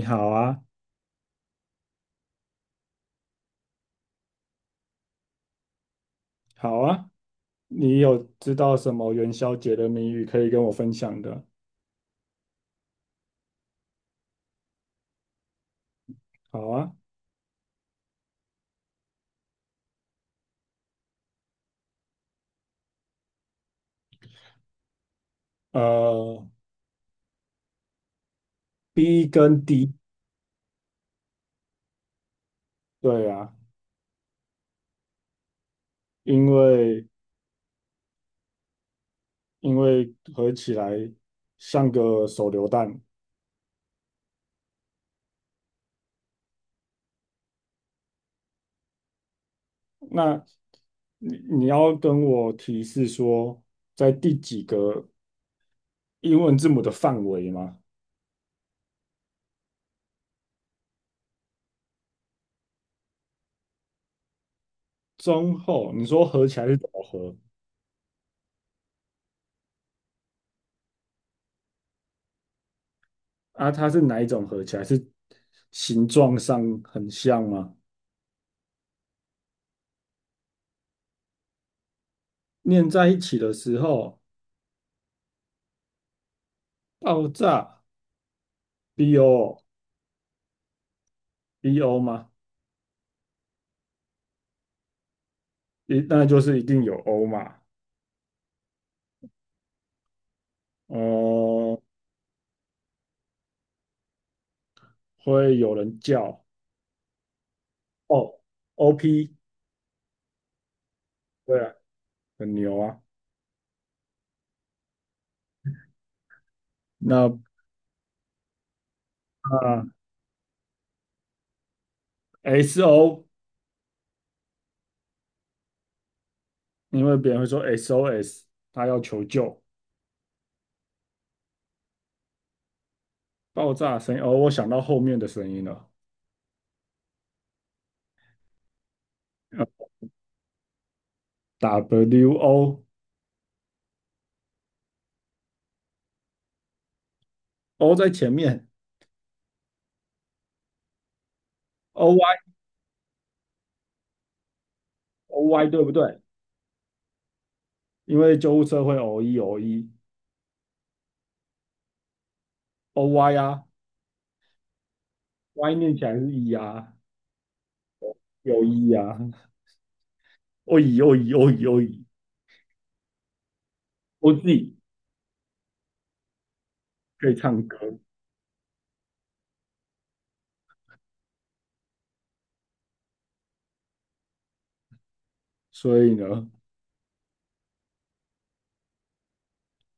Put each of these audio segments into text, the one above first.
你好啊。好啊，你有知道什么元宵节的谜语可以跟我分享的？好啊。呃，B 跟 D。对啊，因为因为合起来像个手榴弹。那你要跟我提示说，在第几个英文字母的范围吗？中后，你说合起来是怎么合啊？它是哪一种合起来？是形状上很像吗？念在一起的时候。爆炸 BO， BO 吗？一那就是一定有 O 嘛。哦、会有人叫哦 OP。对啊，很牛啊。那啊、SO，因为别人会说 SOS，他要求救。爆炸声音。哦，我想到后面的声音了。呃 WO O， O 在前面，OY， OY 对不对？因为救护车会 O E O E， OY 啊，Y 念起来是 E 啊，有 E 啊。哦咦哦咦哦咦哦咦，我自己可以唱歌。所以呢，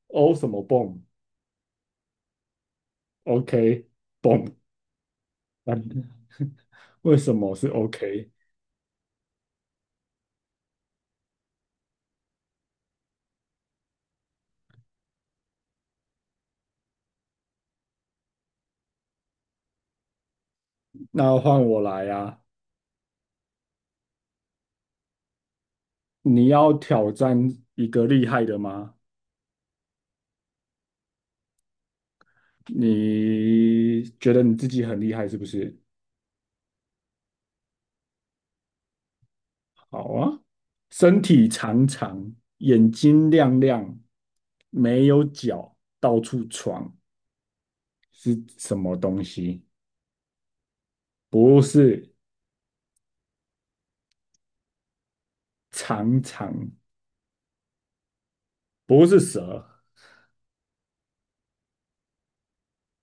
哦什么蹦，OK 蹦。为什么是 OK？那换我来啊，你要挑战一个厉害的吗？你觉得你自己很厉害是不是？好啊，身体长长，眼睛亮亮，没有脚，到处闯，是什么东西？不是。长长。不是蛇，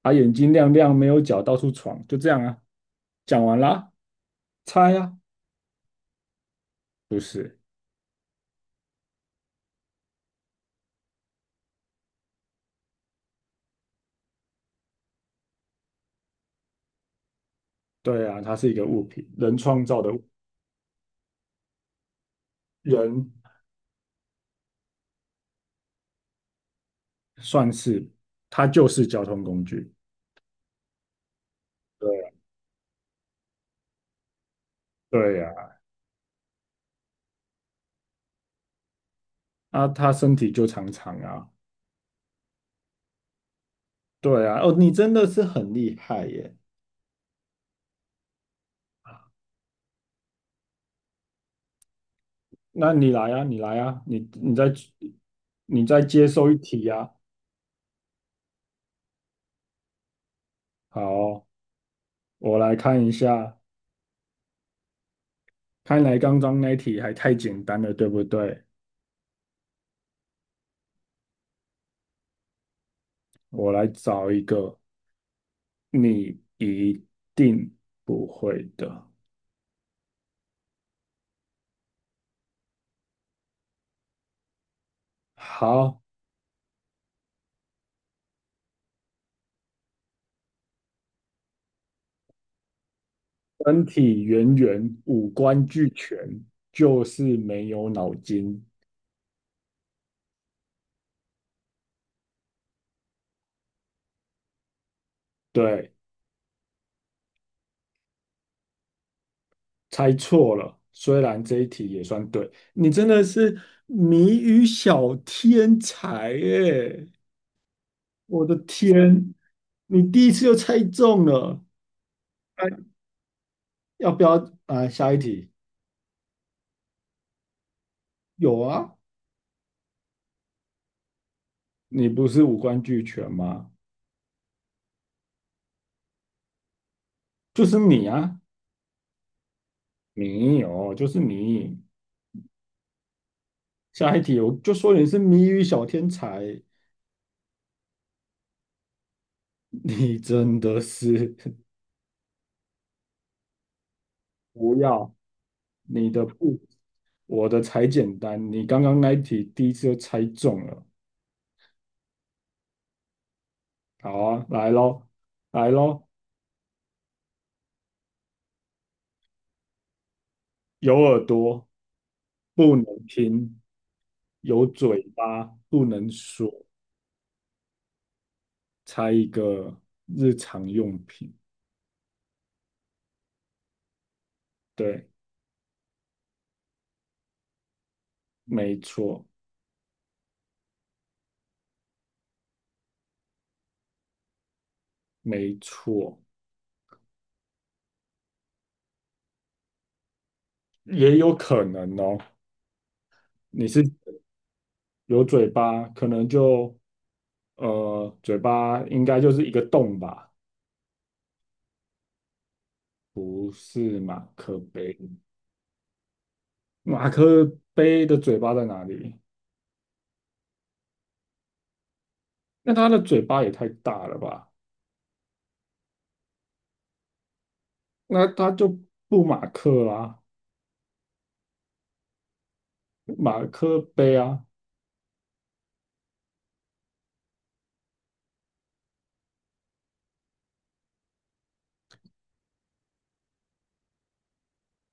它眼睛亮亮，没有脚，到处闯，就这样啊。讲完啦，猜呀、不是，对啊，它是一个物品，人创造的物。人算是，它就是交通工具。对啊。对呀、啊，啊它身体就长长啊。对啊，哦，你真的是很厉害耶。那你来啊，你来啊，你你再接受一题啊。好，我来看一下，看来刚刚那题还太简单了，对不对？我来找一个你一定不会的。好，身体圆圆，五官俱全，就是没有脑筋。对，猜错了。虽然这一题也算对，你真的是谜语小天才耶！我的天，你第一次就猜中了。哎，要不要啊？下一题有啊，你不是五官俱全吗？就是你啊。没有，就是你。下一题，我就说你是谜语小天才，你真的是。 不要，你的不，我的才简单。你刚刚那一题第一次就猜中了。好啊，来喽，来喽，有耳朵不能听，有嘴巴不能说，猜一个日常用品。对。没错。没错。也有可能哦。你是有嘴巴，可能就嘴巴应该就是一个洞吧？不是马克杯，马克杯的嘴巴在哪里？那它的嘴巴也太大了吧？那它就不马克啦，马克杯啊。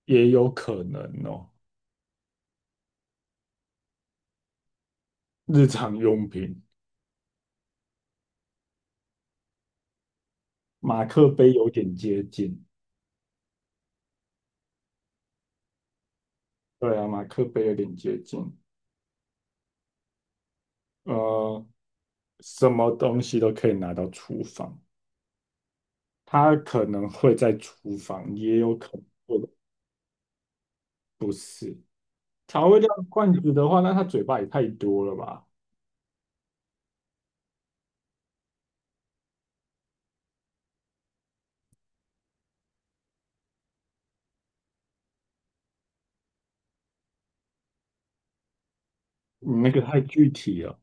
也有可能哦。日常用品，马克杯有点接近。对啊，马克杯有点接近。呃，什么东西都可以拿到厨房，它可能会在厨房，也有可能不。不是。调味料罐子的话，那它嘴巴也太多了吧？你那个太具体了。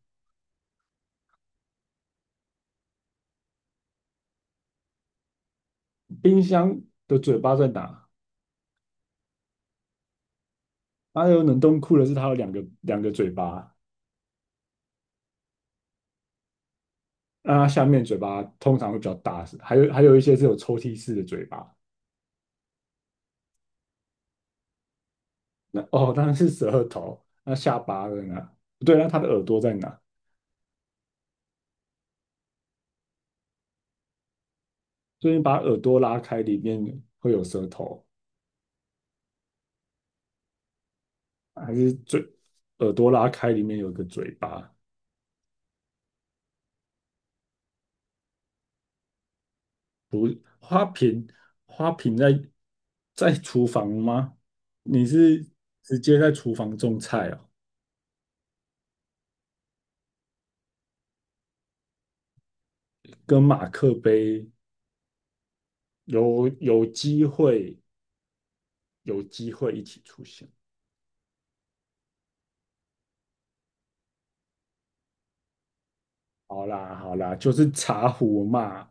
冰箱的嘴巴在哪？还有冷冻库的是它有两个嘴巴，那它下面嘴巴通常会比较大，是还有还有一些是有抽屉式的嘴巴。那哦，当然是舌头。那下巴在哪？不对，那它的耳朵在哪？所以你把耳朵拉开，里面会有舌头。还是嘴？耳朵拉开，里面有个嘴巴。不，花瓶，花瓶在在厨房吗？你是直接在厨房种菜哦，跟马克杯有机会有机会一起出现。好啦好啦，就是茶壶嘛，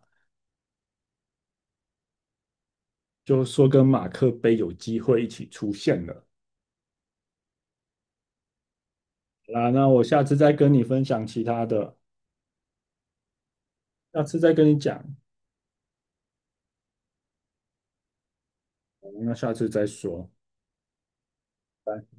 就说跟马克杯有机会一起出现了。好啦，那我下次再跟你分享其他的，下次再跟你讲，那下次再说。拜。